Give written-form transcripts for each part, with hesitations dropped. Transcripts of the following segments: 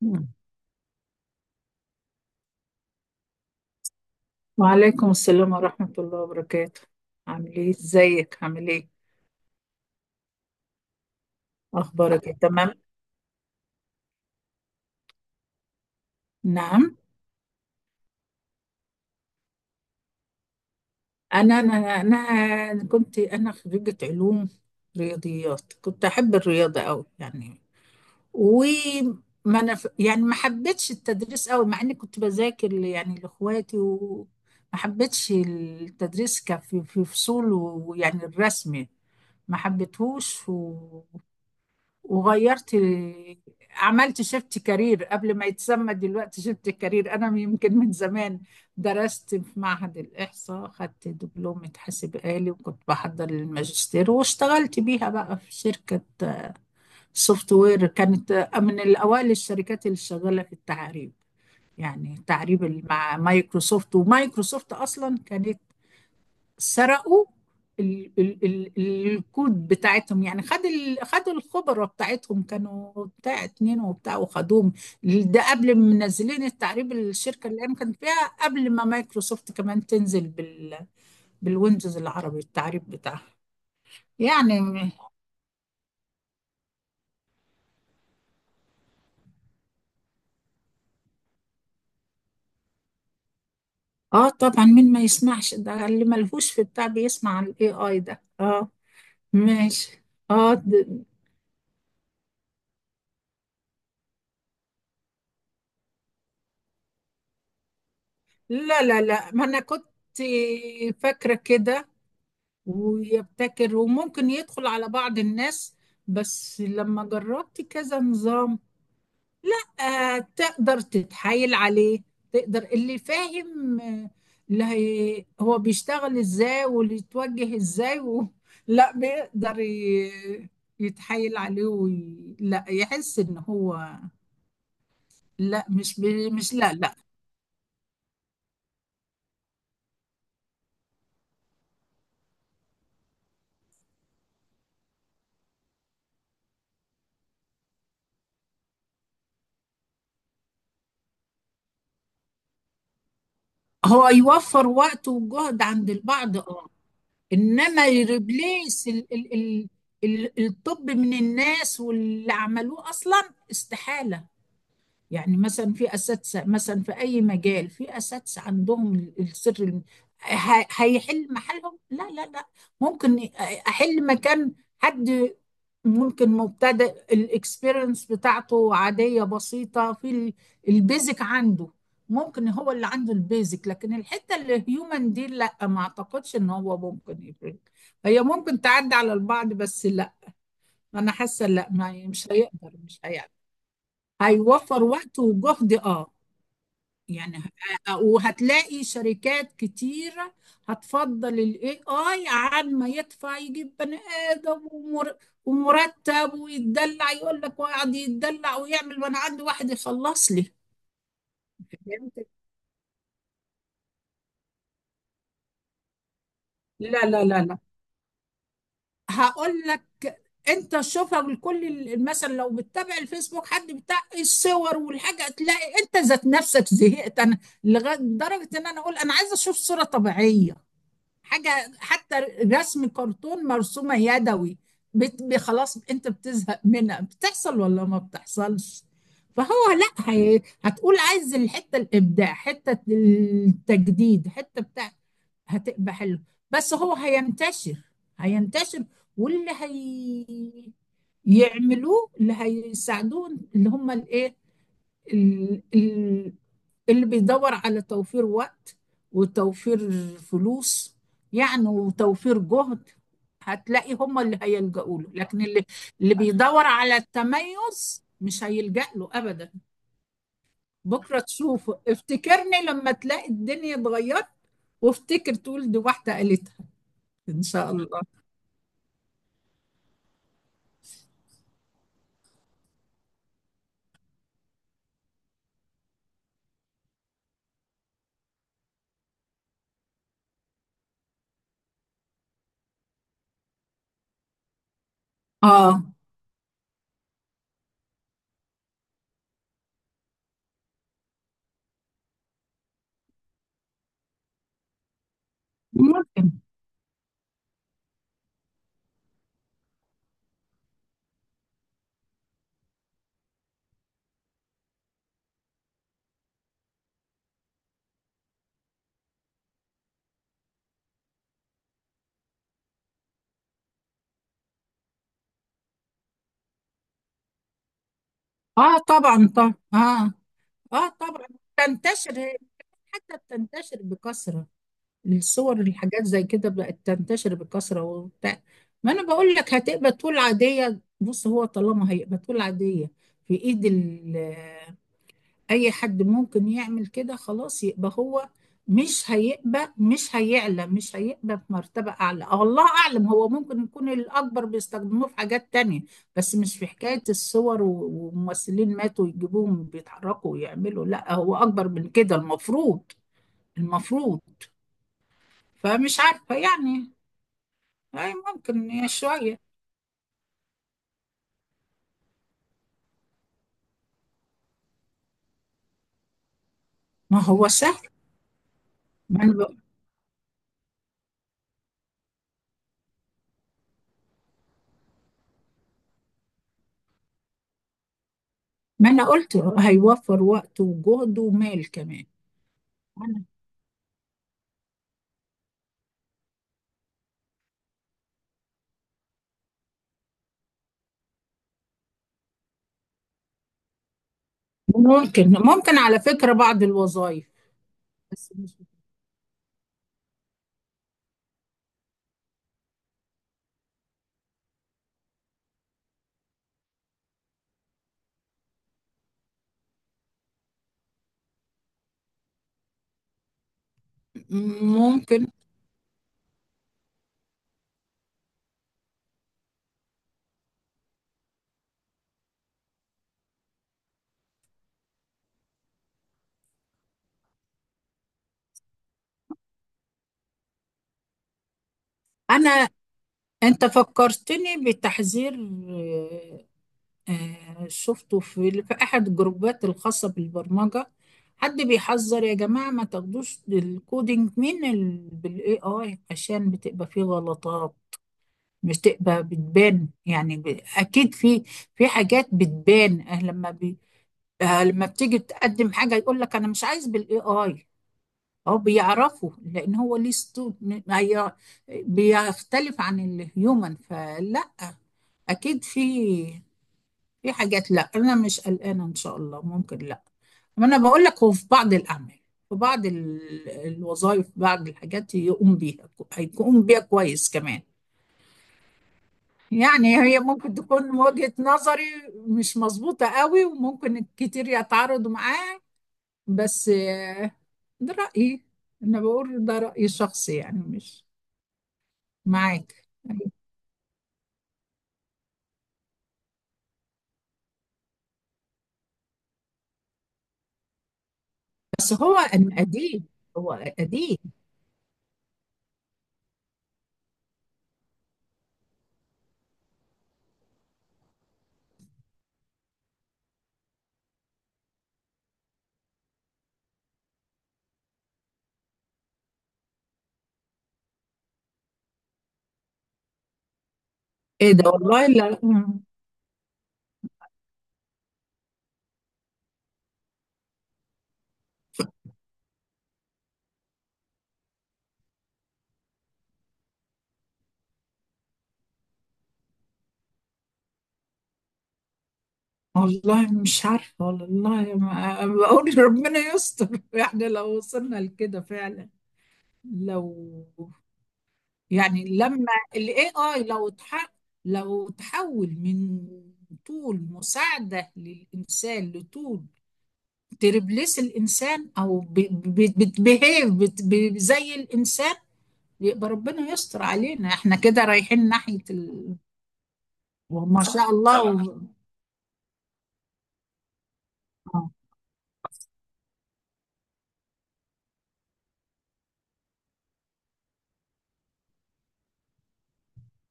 مم. وعليكم السلام ورحمة الله وبركاته. عامل ايه، ازيك، عامل ايه؟ اخبارك إيه؟ تمام. نعم. انا كنت انا خريجة علوم رياضيات. كنت احب الرياضة قوي. يعني وما انا يعني ما حبيتش التدريس قوي، مع اني كنت بذاكر يعني لاخواتي. وما حبيتش التدريس كفي في فصول، ويعني الرسم ما حبيتهوش. وغيرت، عملت شيفت كارير قبل ما يتسمى دلوقتي شيفت كارير. انا يمكن من زمان درست في معهد الاحصاء، خدت دبلومة حاسب آلي وكنت بحضر للماجستير، واشتغلت بيها بقى في شركة سوفت وير. كانت من الاوائل الشركات اللي شغالة في التعريب، يعني تعريب مع مايكروسوفت. ومايكروسوفت اصلا كانت سرقوا ال الكود بتاعتهم. يعني خد ال خدوا الخبرة بتاعتهم، كانوا بتاع اتنين وبتاع وخدوهم. ده قبل ما منزلين التعريب، الشركة اللي انا كنت فيها قبل ما مايكروسوفت كمان تنزل بالويندوز العربي، التعريب بتاعها يعني. اه طبعا، مين ما يسمعش؟ ده اللي ملهوش في بتاع بيسمع الاي اي ده. اه، ماشي. اه د- لا ما انا كنت فاكرة كده، ويبتكر وممكن يدخل على بعض الناس. بس لما جربت كذا نظام، لا. تقدر تتحايل عليه. تقدر اللي فاهم اللي هي هو بيشتغل ازاي واللي يتوجه ازاي لا، بيقدر يتحايل عليه لا يحس ان هو، لا مش مش لا. هو يوفر وقت وجهد عند البعض، اه. انما يريبليس ال الطب من الناس، واللي عملوه اصلا استحالة. يعني مثلا في اساتذه، مثلا في اي مجال في اساتذه عندهم السر هيحل محلهم؟ لا. ممكن احل مكان حد ممكن مبتدئ، الاكسبيرينس بتاعته عاديه بسيطه في البيزك عنده. ممكن هو اللي عنده البيزك، لكن الحته اللي هيومن دي لا، ما اعتقدش ان هو ممكن يفرق. هي ممكن تعدي على البعض، بس لا، انا حاسه لا، ما مش هيقدر، مش هيقدر. هيوفر وقت وجهد، اه. يعني وهتلاقي شركات كتير هتفضل الاي اي عن ما يدفع يجيب بني ادم ومر- ومرتب ويتدلع، يقول لك ويقعد يتدلع ويعمل، وانا عندي واحد يخلص لي. فهمت؟ لا. هقول لك، انت شوفها بالكل مثلا لو بتتابع الفيسبوك، حد بتاع الصور والحاجه، تلاقي انت ذات نفسك زهقت. انا لغايه درجه ان انا اقول انا عايزه اشوف صوره طبيعيه، حاجه حتى رسم كرتون مرسومه يدوي. خلاص انت بتزهق منها، بتحصل ولا ما بتحصلش؟ فهو لا، هتقول عايز الحته الابداع، حته التجديد، حته بتاع، هتبقى حلو. بس هو هينتشر، هينتشر. واللي هي يعملوه، اللي هيساعدوه، اللي هم الايه، ال- ال- اللي بيدور على توفير وقت وتوفير فلوس، يعني وتوفير جهد، هتلاقي هم اللي هيلجأوا له. لكن اللي، اللي بيدور على التميز، مش هيلجأ له أبدا. بكرة تشوفه، افتكرني لما تلاقي الدنيا اتغيرت، وافتكر تقول دي واحدة قالتها. إن شاء الله. آه. ممكن. آه طبعا طبعا، آه. آه طبعا. تنتشر هي، حتى بتنتشر بكثرة. الصور الحاجات زي كده بقت تنتشر بكثرة وبتاع. ما انا بقول لك هتبقى طول عادية. بص، هو طالما هيبقى طول عادية في ايد اي حد ممكن يعمل كده، خلاص يبقى هو مش هيبقى، مش هيعلى، مش هيبقى في مرتبة أعلى. أه الله أعلم، هو ممكن يكون الأكبر بيستخدموه في حاجات تانية، بس مش في حكاية الصور وممثلين ماتوا يجيبوهم بيتحركوا ويعملوا. لا، هو أكبر من كده المفروض، المفروض. فمش عارفة يعني. أي ممكن يا شوية. ما هو سهل. ما أنا, ب... ما أنا قلت هيوفر وقت وجهد ومال كمان. أنا- ممكن ممكن، على فكرة بعض الوظائف، بس مش ممكن. أنا، أنت فكرتني بتحذير. آه، شفته في في أحد الجروبات الخاصة بالبرمجة. حد بيحذر، يا جماعة ما تاخدوش الكودينج بالاي اي، عشان بتبقى فيه غلطات، بتبقى بتبان. يعني اكيد في، في حاجات بتبان. لما بي... أه، لما بتيجي تقدم حاجه يقول لك انا مش عايز بالاي اي. هو بيعرفوا، لان هو ليه هي... بيختلف عن الهيومن. فلا، اكيد في، في حاجات. لا انا مش قلقانه، ان شاء الله ممكن، لا. ما انا بقول لك هو في بعض الاعمال، في بعض الوظائف، بعض الحاجات يقوم بيها هيقوم بيها كويس كمان. يعني هي ممكن تكون وجهة نظري مش مظبوطة قوي، وممكن كتير يتعارضوا معاه، بس ده رأيي. أنا بقول ده رأيي الشخصي يعني، مش معاك. بس هو أن قديم، هو قديم. إيه ده، والله لا. والله مش عارفة، والله ما بقول ربنا يستر. إحنا لو وصلنا لكده فعلا، لو، يعني لما ال AI لو تحول من طول مساعدة للإنسان لطول تربلس الإنسان أو بتبهيف زي الإنسان، يبقى ربنا يستر علينا. احنا كده رايحين ناحية وما شاء الله آه.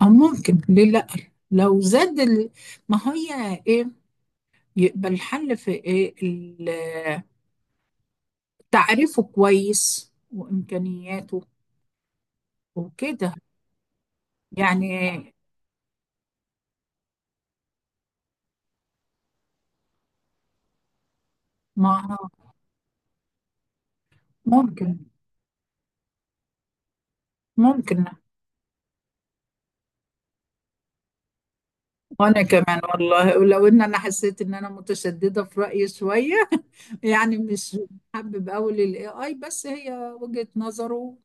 أو ممكن، ليه لأ؟ لو زاد ما هي إيه يبقى الحل في إيه؟ تعريفه كويس وإمكانياته وكده يعني. ما ممكن، ممكن. وانا كمان والله، ولو ان انا حسيت ان انا متشدده في رايي شويه. يعني مش حابب اقول الاي اي، بس هي وجهه نظره.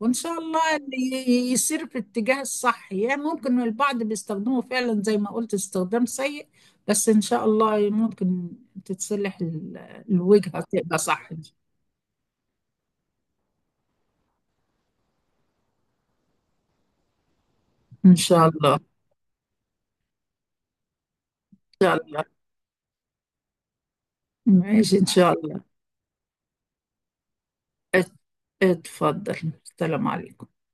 وان شاء الله اللي يسير في الاتجاه الصح. يعني ممكن البعض بيستخدمه فعلا زي ما قلت استخدام سيء، بس ان شاء الله ممكن تتصلح الوجهه تبقى صح، ان شاء الله. ان شاء الله. ماشي، ان شاء الله. ات- اتفضل. السلام عليكم.